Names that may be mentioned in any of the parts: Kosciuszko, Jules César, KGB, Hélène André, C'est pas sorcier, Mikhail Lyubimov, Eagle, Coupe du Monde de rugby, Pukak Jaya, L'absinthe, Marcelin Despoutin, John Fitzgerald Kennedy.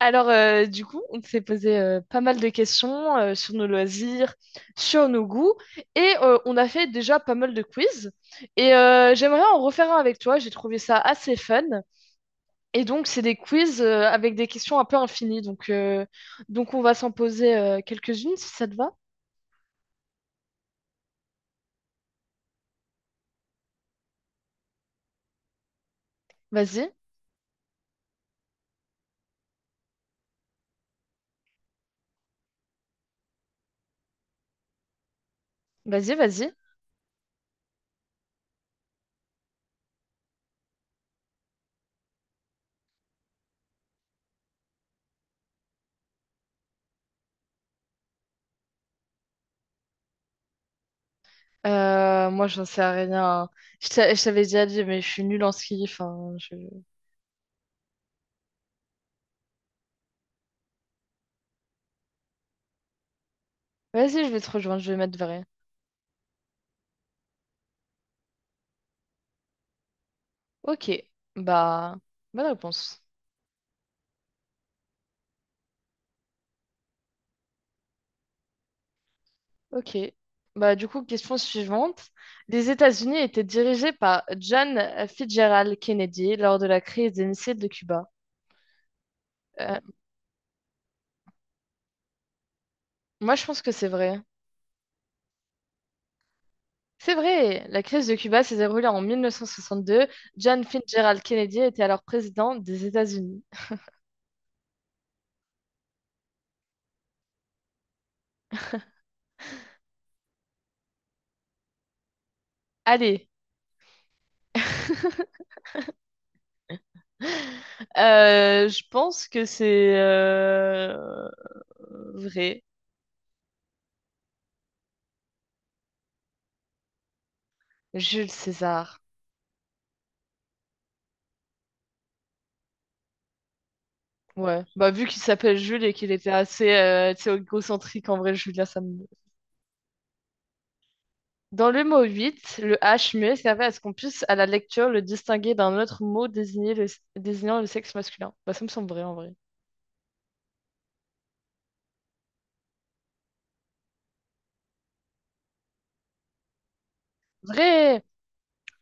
Alors, du coup, on s'est posé pas mal de questions sur nos loisirs, sur nos goûts, et on a fait déjà pas mal de quiz. Et j'aimerais en refaire un avec toi, j'ai trouvé ça assez fun. Et donc, c'est des quiz avec des questions un peu infinies. Donc, on va s'en poser quelques-unes si ça te va. Vas-y, vas-y, vas-y. Moi, j'en sais rien. Je t'avais déjà dit, mais je suis nulle en ski. Enfin, je... Vas-y, je vais te rejoindre, je vais mettre vrai. Ok, bah, bonne réponse. Ok. Bah, du coup, question suivante. Les États-Unis étaient dirigés par John Fitzgerald Kennedy lors de la crise des missiles de Cuba. Euh, Moi, je pense que c'est vrai. C'est vrai! La crise de Cuba s'est déroulée en 1962. John Fitzgerald Kennedy était alors président des États-Unis. Allez, je pense que c'est vrai. Jules César. Ouais. Bah, vu qu'il s'appelle Jules et qu'il était assez tu sais, égocentrique, en vrai, Julia, ça me... Dans le mot 8, le H muet servait à ce qu'on puisse, à la lecture, le distinguer d'un autre mot désignant le sexe masculin. Bah, ça me semble vrai en vrai. Vrai!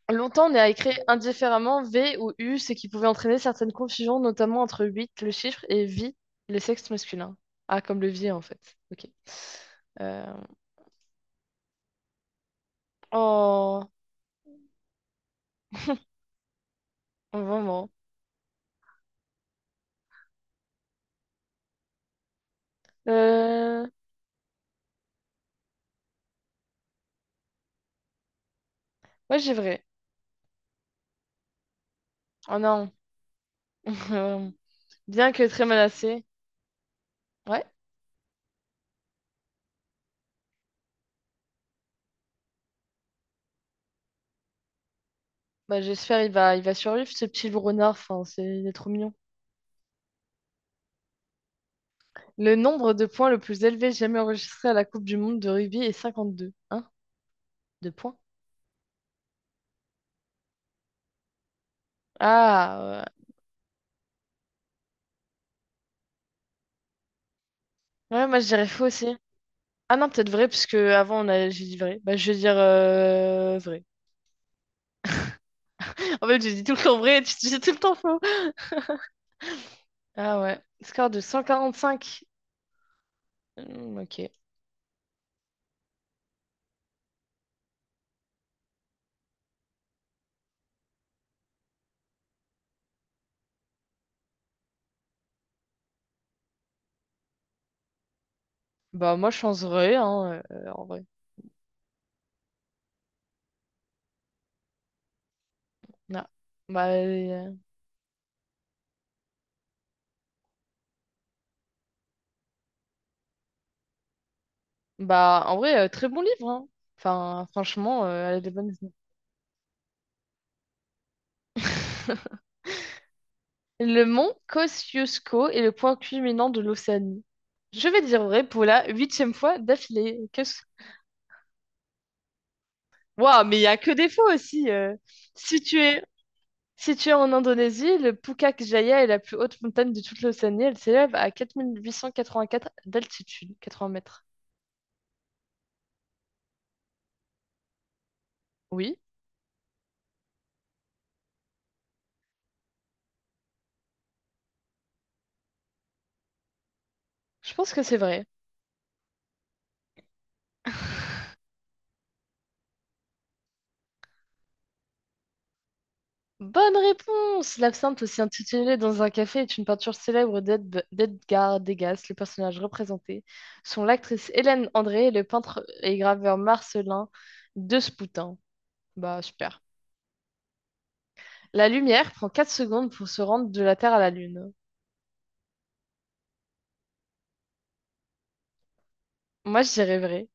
Longtemps, on a écrit indifféremment V ou U, ce qui pouvait entraîner certaines confusions, notamment entre 8, le chiffre, et vie, le sexe masculin. Ah, comme le vie en fait. Ok. Euh, Oh, vraiment. Euh... Ouais, j'ai vrai. Oh non. Bien que très menacé. Ouais. Bah, j'espère il va survivre, ce petit loup renard. Enfin, c'est, il est trop mignon. Le nombre de points le plus élevé jamais enregistré à la Coupe du Monde de rugby est 52. Hein? De points? Ah, ouais. Ouais, moi je dirais faux aussi. Ah non, peut-être vrai, parce que avant on a... j'ai dit vrai. Bah, je vais dire vrai. En fait, j'ai dit tout le temps vrai et tu dis tout le temps faux. Ah ouais. Score de 145. Hmm, ok. Bah, moi je pense vrai, hein, en vrai. Ah. Bah, euh, bah, en vrai, très bon livre, hein. Enfin, franchement, elle a des bonnes idées. Le mont Kosciuszko est le point culminant de l'Océanie. Je vais dire vrai pour la huitième fois d'affilée. Waouh, mais il n'y a que des fois aussi. Située, située en Indonésie, le Pukak Jaya est la plus haute montagne de toute l'Océanie. Elle s'élève à 4884 d'altitude, 80 mètres. Oui, je pense que c'est vrai. Bonne réponse! L'absinthe, aussi intitulée dans un café, est une peinture célèbre d'Edgar Degas, le personnage représenté, sont l'actrice Hélène André et le peintre et graveur Marcelin Despoutin. Bah, super. La lumière prend 4 secondes pour se rendre de la Terre à la Lune. Moi, je dirais vrai.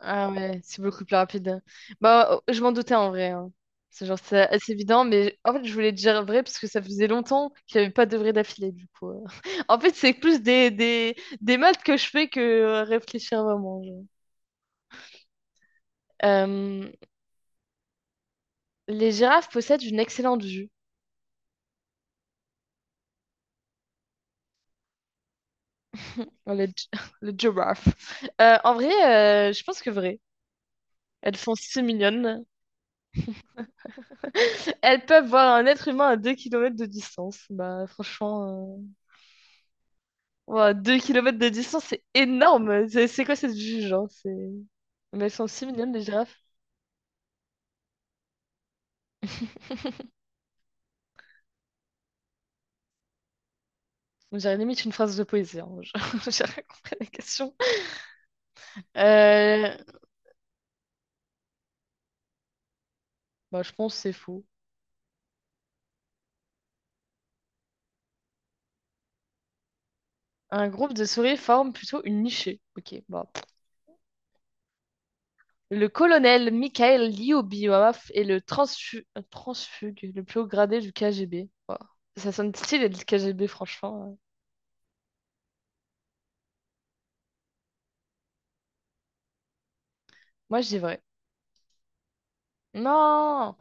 Ah ouais, c'est beaucoup plus rapide. Bah, oh, je m'en doutais en vrai. Hein. C'est genre, c'est assez évident, mais en fait, je voulais dire vrai parce que ça faisait longtemps qu'il n'y avait pas de vrai d'affilée, du coup. En fait, c'est plus des maths que je fais que réfléchir vraiment. Genre. Euh, les girafes possèdent une excellente vue. Oh, le girafe. En vrai, je pense que vrai. Elles sont si mignonnes. Elles peuvent voir un être humain à 2 kilomètres de distance. Bah, franchement. Wow, 2 kilomètres de distance, c'est énorme! C'est quoi cette juge, hein? C'est... Mais elles sont si mignonnes, les girafes. On dirait limite une phrase de poésie. Hein. J'ai rien compris à la question. Euh, Bah, je pense que c'est faux. Un groupe de souris forme plutôt une nichée. Ok, bah. Pff. Le colonel Mikhail Lyubimov est le transfugue, le plus haut gradé du KGB. Wow. Ça sonne stylé, le KGB, franchement. Moi, je dis vrai. Non!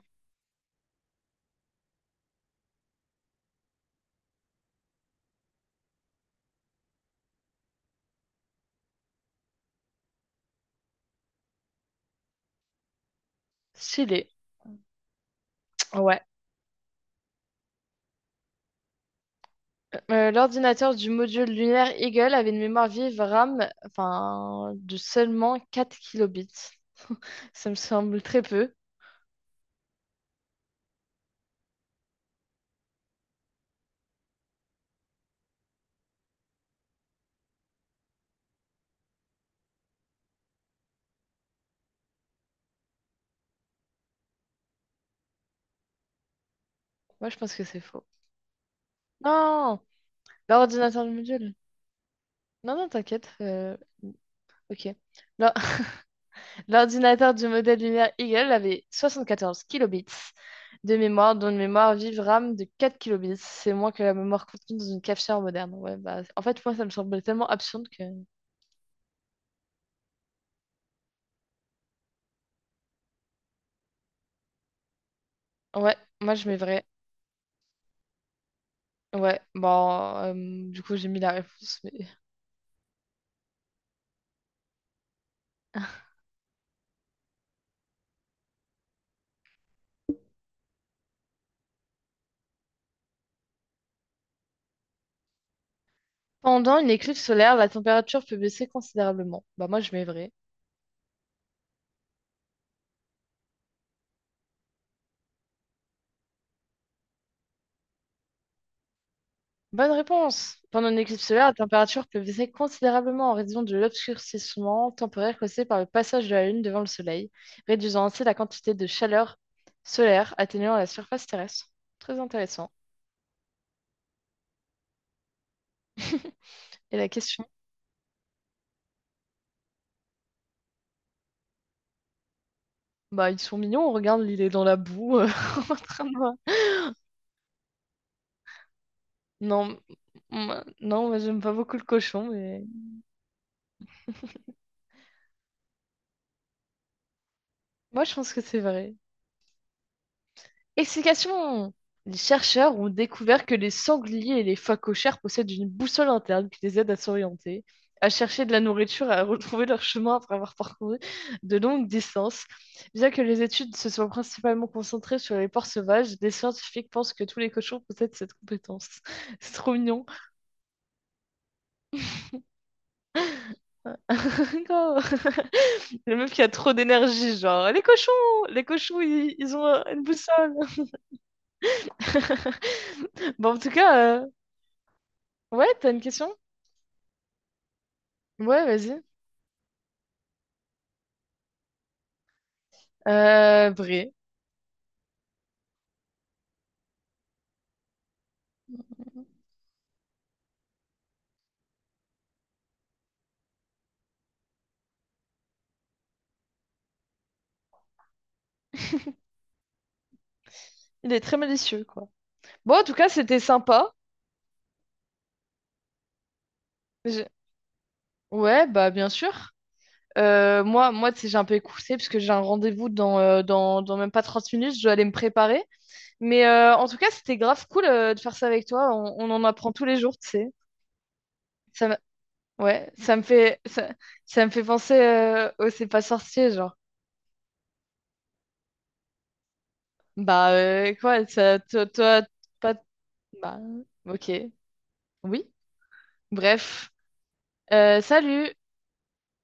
Stylé. Ouais. L'ordinateur du module lunaire Eagle avait une mémoire vive RAM enfin, de seulement 4 kilobits. Ça me semble très peu. Moi, je pense que c'est faux. Non! L'ordinateur du module. Non, non, t'inquiète. Ok. L'or- L'ordinateur du modèle lunaire Eagle avait 74 kilobits de mémoire, dont une mémoire vive RAM de 4 kilobits. C'est moins que la mémoire contenue dans une cafetière moderne. Ouais, bah, en fait, moi, ça me semblait tellement absurde que... Ouais, moi, je mets vrai. Ouais, bon, euh, du coup j'ai mis la réponse, mais... Pendant une éclipse solaire, la température peut baisser considérablement. Bah moi je mets vrai. Bonne réponse. Pendant une éclipse solaire, la température peut baisser considérablement en raison de l'obscurcissement temporaire causé par le passage de la Lune devant le Soleil, réduisant ainsi la quantité de chaleur solaire atteignant la surface terrestre. Très intéressant. Et la question? Bah ils sont mignons, on regarde, il est dans la boue, en train de... Non, non, moi j'aime pas beaucoup le cochon, mais... Moi, je pense que c'est vrai. Explication. Les chercheurs ont découvert que les sangliers et les phoques cochères possèdent une boussole interne qui les aide à s'orienter, à chercher de la nourriture et à retrouver leur chemin après avoir parcouru de longues distances. Bien que les études se soient principalement concentrées sur les porcs sauvages, des scientifiques pensent que tous les cochons possèdent cette compétence. C'est trop mignon. Oh, le meuf qui a trop d'énergie, genre, les cochons, ils ont une boussole. Bon, en tout cas, ouais, t'as une question? Ouais, vas-y. Vrai. Il est très malicieux, quoi. Bon, en tout cas, c'était sympa. J'ai- Ouais, bah, bien sûr. Moi, tu sais, j'ai un peu écouté parce que j'ai un rendez-vous dans, même pas 30 minutes. Je dois aller me préparer. Mais en tout cas, c'était grave cool de faire ça avec toi. On en apprend tous les jours, tu sais. Ça, me- ouais, ça me fait penser au C'est pas sorcier, genre. Bah, quoi, ça, toi, toi, pas. Bah, ok. Oui. Bref. Salut!